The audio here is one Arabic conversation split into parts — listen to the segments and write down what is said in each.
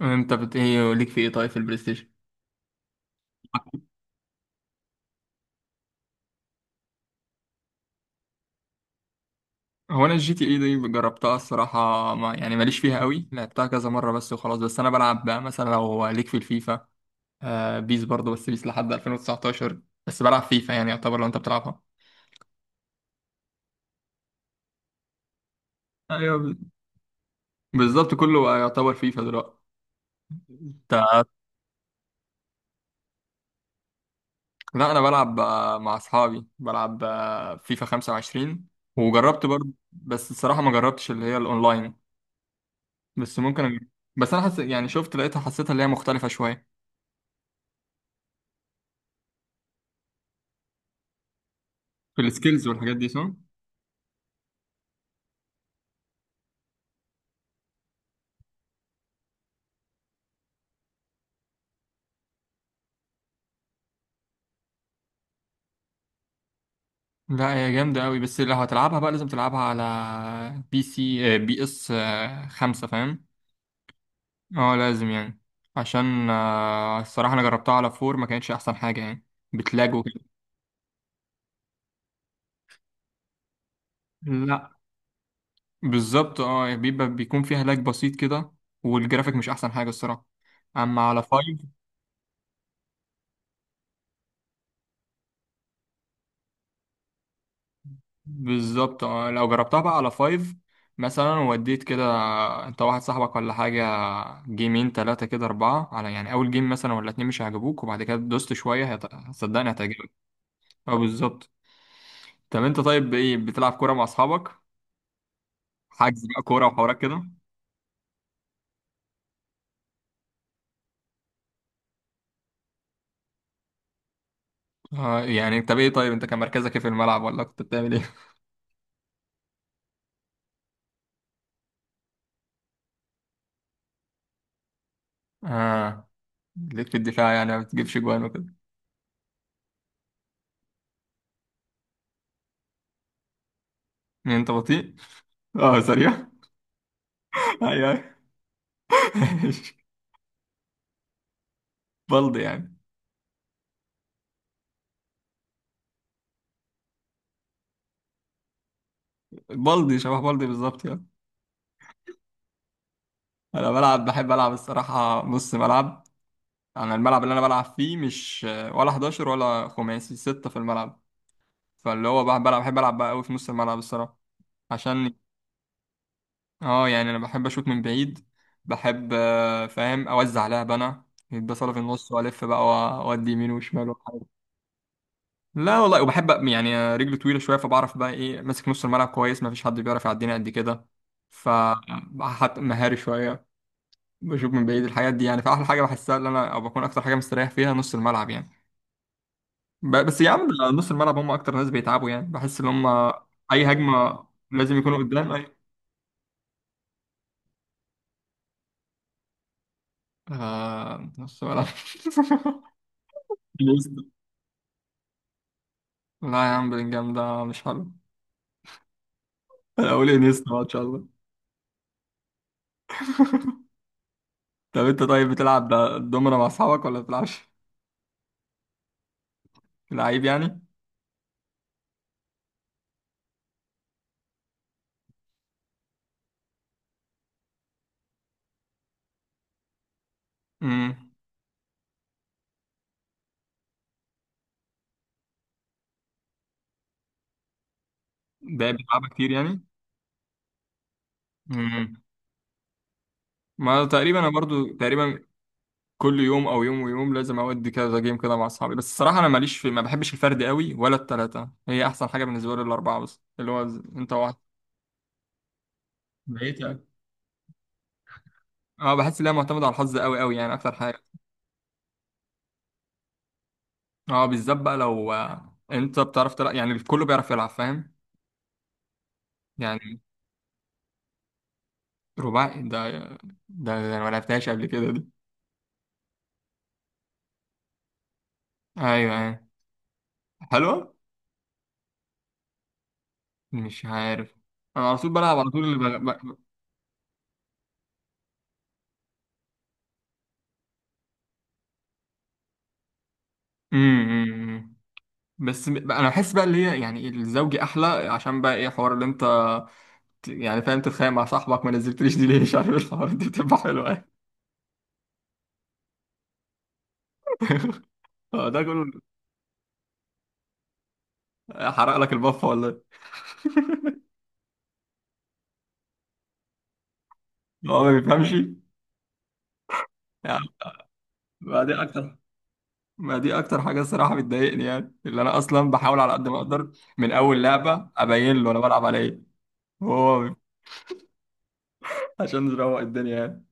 ايه ليك في ايه؟ طيب، في البلاي ستيشن، هو انا الجي تي اي دي جربتها الصراحه، ما يعني ماليش فيها قوي، لعبتها كذا مره بس وخلاص. بس انا بلعب بقى مثلا لو ليك، في الفيفا آه، بيس برضه، بس بيس لحد 2019. بس بلعب فيفا يعني، يعتبر لو انت بتلعبها. ايوه، بالظبط، كله بقى يعتبر فيفا دلوقتي. ت- لا، انا بلعب مع اصحابي، بلعب فيفا 25، وجربت برضه بس الصراحه ما جربتش اللي هي الاونلاين. بس ممكن أجرب. بس انا يعني شفت، لقيتها، حسيتها اللي هي مختلفه شويه، في السكيلز والحاجات دي، صح؟ لا هي جامدة أوي، بس لو هتلعبها بقى لازم تلعبها على بي سي بي اس 5، فاهم؟ اه لازم يعني، عشان الصراحة أنا جربتها على فور، ما كانتش أحسن حاجة يعني، بتلاج وكده. لا بالظبط، اه يعني بيبقى بيكون فيها لاج بسيط كده، والجرافيك مش أحسن حاجة الصراحة. أما على 5، بالظبط، اه لو جربتها بقى على فايف مثلا، ووديت كده انت واحد صاحبك ولا حاجة، جيمين تلاتة كده، أربعة، على يعني أول جيم مثلا ولا اتنين مش هيعجبوك، وبعد كده دوست شوية صدقني هتعجبك. اه بالظبط. طب انت طيب، ايه بتلعب كورة مع أصحابك؟ حجز بقى كورة وحوارات كده؟ اه يعني، طب ايه؟ طيب انت كان مركزك ايه في الملعب، ولا كنت بتعمل ايه؟ اه، ليك في الدفاع يعني، ما بتجيبش جوان وكده؟ انت بطيء؟ اه سريع؟ ايوه، ايوه. بلدي يعني. بلدي شبه بلدي بالظبط يعني. انا بلعب، بحب العب الصراحه نص ملعب. انا الملعب اللي انا بلعب فيه مش ولا 11 ولا خماسي، 6 في الملعب. فاللي هو بقى بلعب، بحب العب بقى قوي في نص الملعب الصراحه، عشان، اه يعني انا بحب اشوط من بعيد، بحب فاهم، اوزع لعب انا، يتبصل في النص والف بقى واودي يمين وشمال وحاجه. لا والله، وبحب يعني رجلي طويله شويه، فبعرف بقى ايه، ماسك نص الملعب كويس، ما فيش حد بيعرف يعديني قد كده. ف، حتى مهاري شويه، بشوف من بعيد الحاجات دي يعني، فاحلى حاجه بحسها اللي انا، او بكون اكتر حاجه مستريح فيها نص الملعب يعني. بس يا عم ده نص الملعب هم اكتر ناس بيتعبوا يعني، بحس ان هم اي هجمه لازم يكونوا قدام. اي، آه نص ملعب. إنيستا. لا يا عم، بلينجهام ده مش حلو. انا اقول انيستا بقى ان شاء الله. طب انت، طيب بتلعب دومنا مع اصحابك ولا بتلعبش؟ لعيب يعني. امم، ده بيلعبها كتير يعني. امم، ما تقريبا انا برضو تقريبا كل يوم او يوم ويوم لازم اودي كذا جيم كده مع اصحابي، بس الصراحه انا ماليش في، ما بحبش الفرد قوي، ولا التلاته، هي احسن حاجه بالنسبه لي الاربعه، بس اللي هو انت واحد بقيت يعني. اه بحس ان هي معتمده على الحظ قوي قوي يعني اكتر حاجه. اه بالذات بقى لو انت بتعرف تلعب يعني، الكل بيعرف يلعب فاهم، يعني. رباعي ده ده انا ما لعبتهاش قبل كده دي. ايوه ايوه، حلوه. مش عارف، انا على طول بلعب على طول اللي بلعب. امم، أمم. بس انا بحس بقى اللي هي يعني الزوجي احلى، عشان بقى ايه، حوار اللي انت يعني فاهم، تتخانق مع صاحبك ما نزلتليش دي ليه، مش عارف ايه، الحوار دي بتبقى حلوه يعني. هو ده كله، حرق لك البفه ولا ايه؟ هو ما بيفهمش يعني. ما دي اكتر ما دي اكتر حاجه الصراحه بتضايقني يعني، اللي انا اصلا بحاول على قد ما اقدر، من اول لعبه ابين له انا بلعب على ايه، هو، عشان نروق الدنيا يعني.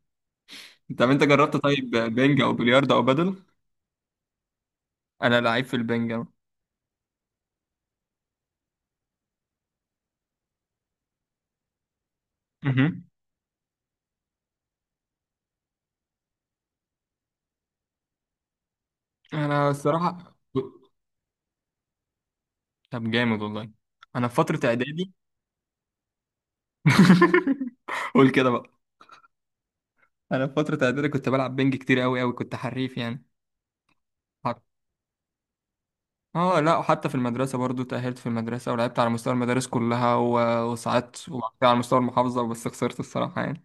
طب انت جربت طيب بينج او بلياردو او بدل؟ انا لعيب في البنج أوي. مهم. انا الصراحه، طب جامد والله. انا في فتره اعدادي، قول كده بقى. انا في فتره اعدادي كنت بلعب بنج كتير قوي قوي، كنت حريف يعني. حر- اه، لا وحتى في المدرسه برضو، تاهلت في المدرسه ولعبت على مستوى المدارس كلها وصعدت وبعد كده على مستوى المحافظه، بس خسرت الصراحه يعني.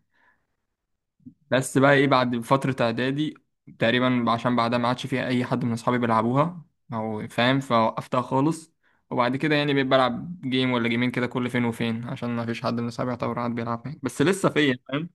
بس بقى ايه، بعد فتره اعدادي تقريبا، عشان بعدها ما عادش فيها اي حد من اصحابي بيلعبوها او فاهم، فوقفتها خالص. وبعد كده يعني بقيت بلعب جيم ولا جيمين كده كل فين وفين، عشان ما فيش حد من اصحابي يعتبر قاعد بيلعب يعني. بس لسه فيا فاهم.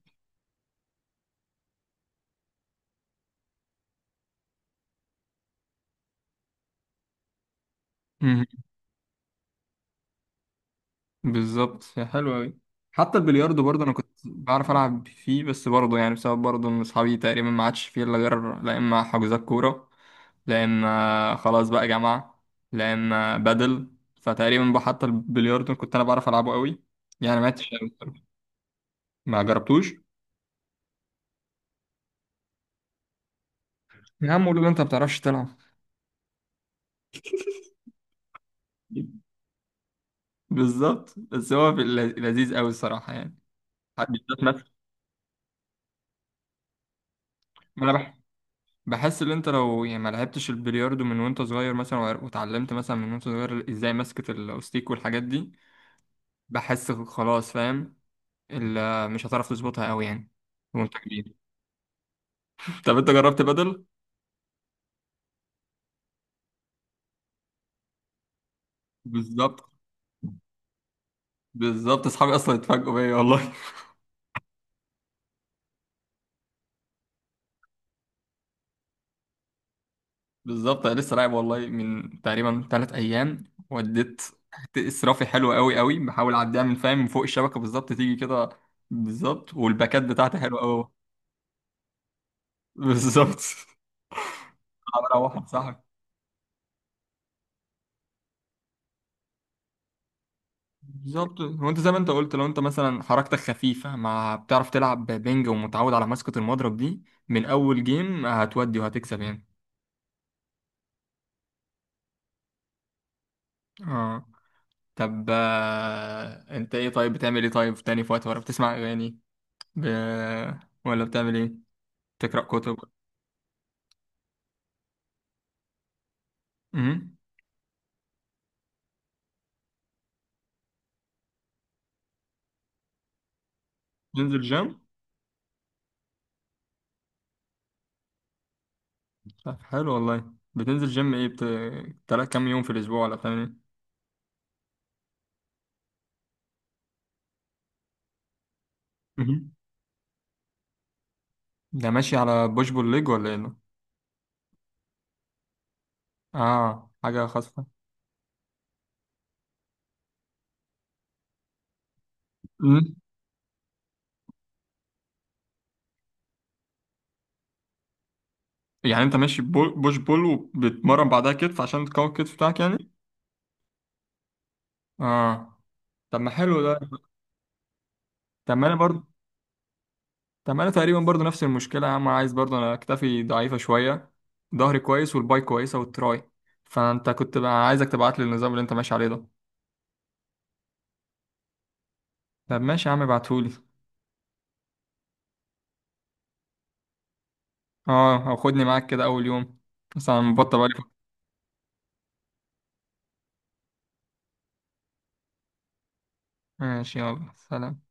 بالظبط، حلو أوي. حتى البلياردو برضه أنا كنت بعرف ألعب فيه، بس برضه يعني بسبب برضه إن أصحابي تقريبا ما عادش فيه، إلا غير لا إما حجوزات كورة، لا إما خلاص بقى جامعة، لا إما بدل. فتقريبا بقى حتى البلياردو كنت أنا بعرف ألعبه أوي يعني، ما عدتش أوي بصراحة. ما جربتوش؟ يا عم قولوا لي أنت ما بتعرفش تلعب. بالظبط، بس هو في لذيذ أوي الصراحة يعني. بالذات مثلا، ما أنا بحس ان انت لو يعني ما لعبتش البلياردو من وانت صغير مثلا واتعلمت مثلا من وانت صغير ازاي ماسكة الاوستيك والحاجات دي، بحس خلاص فاهم، مش هتعرف تظبطها قوي يعني وانت كبير. طب انت جربت بدل؟ بالظبط، بالظبط، اصحابي اصلا اتفاجئوا بيا والله. بالظبط، انا لسه لاعب والله من تقريبا 3 ايام، وديت تحت اسرافي حلو قوي قوي، بحاول اعديها من فاهم من فوق الشبكه بالظبط تيجي كده، بالظبط والباكات بتاعتي حلوه قوي. بالظبط. انا بروح صح. بالظبط. هو انت زي ما انت قلت لو انت مثلا حركتك خفيفة، مع بتعرف تلعب بينج ومتعود على مسكة المضرب دي، من أول جيم هتودي وهتكسب يعني. اه. طب انت ايه، طيب بتعمل ايه طيب تاني في وقت، ولا بتسمع أغاني ب... ولا بتعمل ايه؟ تقرأ كتب؟ امم. بتنزل جيم؟ طب حلو والله. بتنزل جيم ايه، تلات كام يوم في الأسبوع، ولا بتعمل ايه؟ مهم. ده ماشي على بوش بول ليج ولا ايه؟ اه حاجة خاصة. يعني انت ماشي بول، بوش، بول، وبتمرن بعدها كتف عشان تقوي الكتف بتاعك يعني. اه. طب ما حلو ده. طب ما انا برضه، طب ما انا تقريبا برضه نفس المشكله يا عم، عايز برضه، انا اكتفي ضعيفه شويه، ظهري كويس والباي كويسه والتراي، فانت كنت بقى، عايزك تبعت لي النظام اللي انت ماشي عليه ده. طب ماشي يا عم ابعتهولي. اه او خدني معاك كده اول يوم، بس انا مبطل بقالي فترة. ماشي، يلا سلام.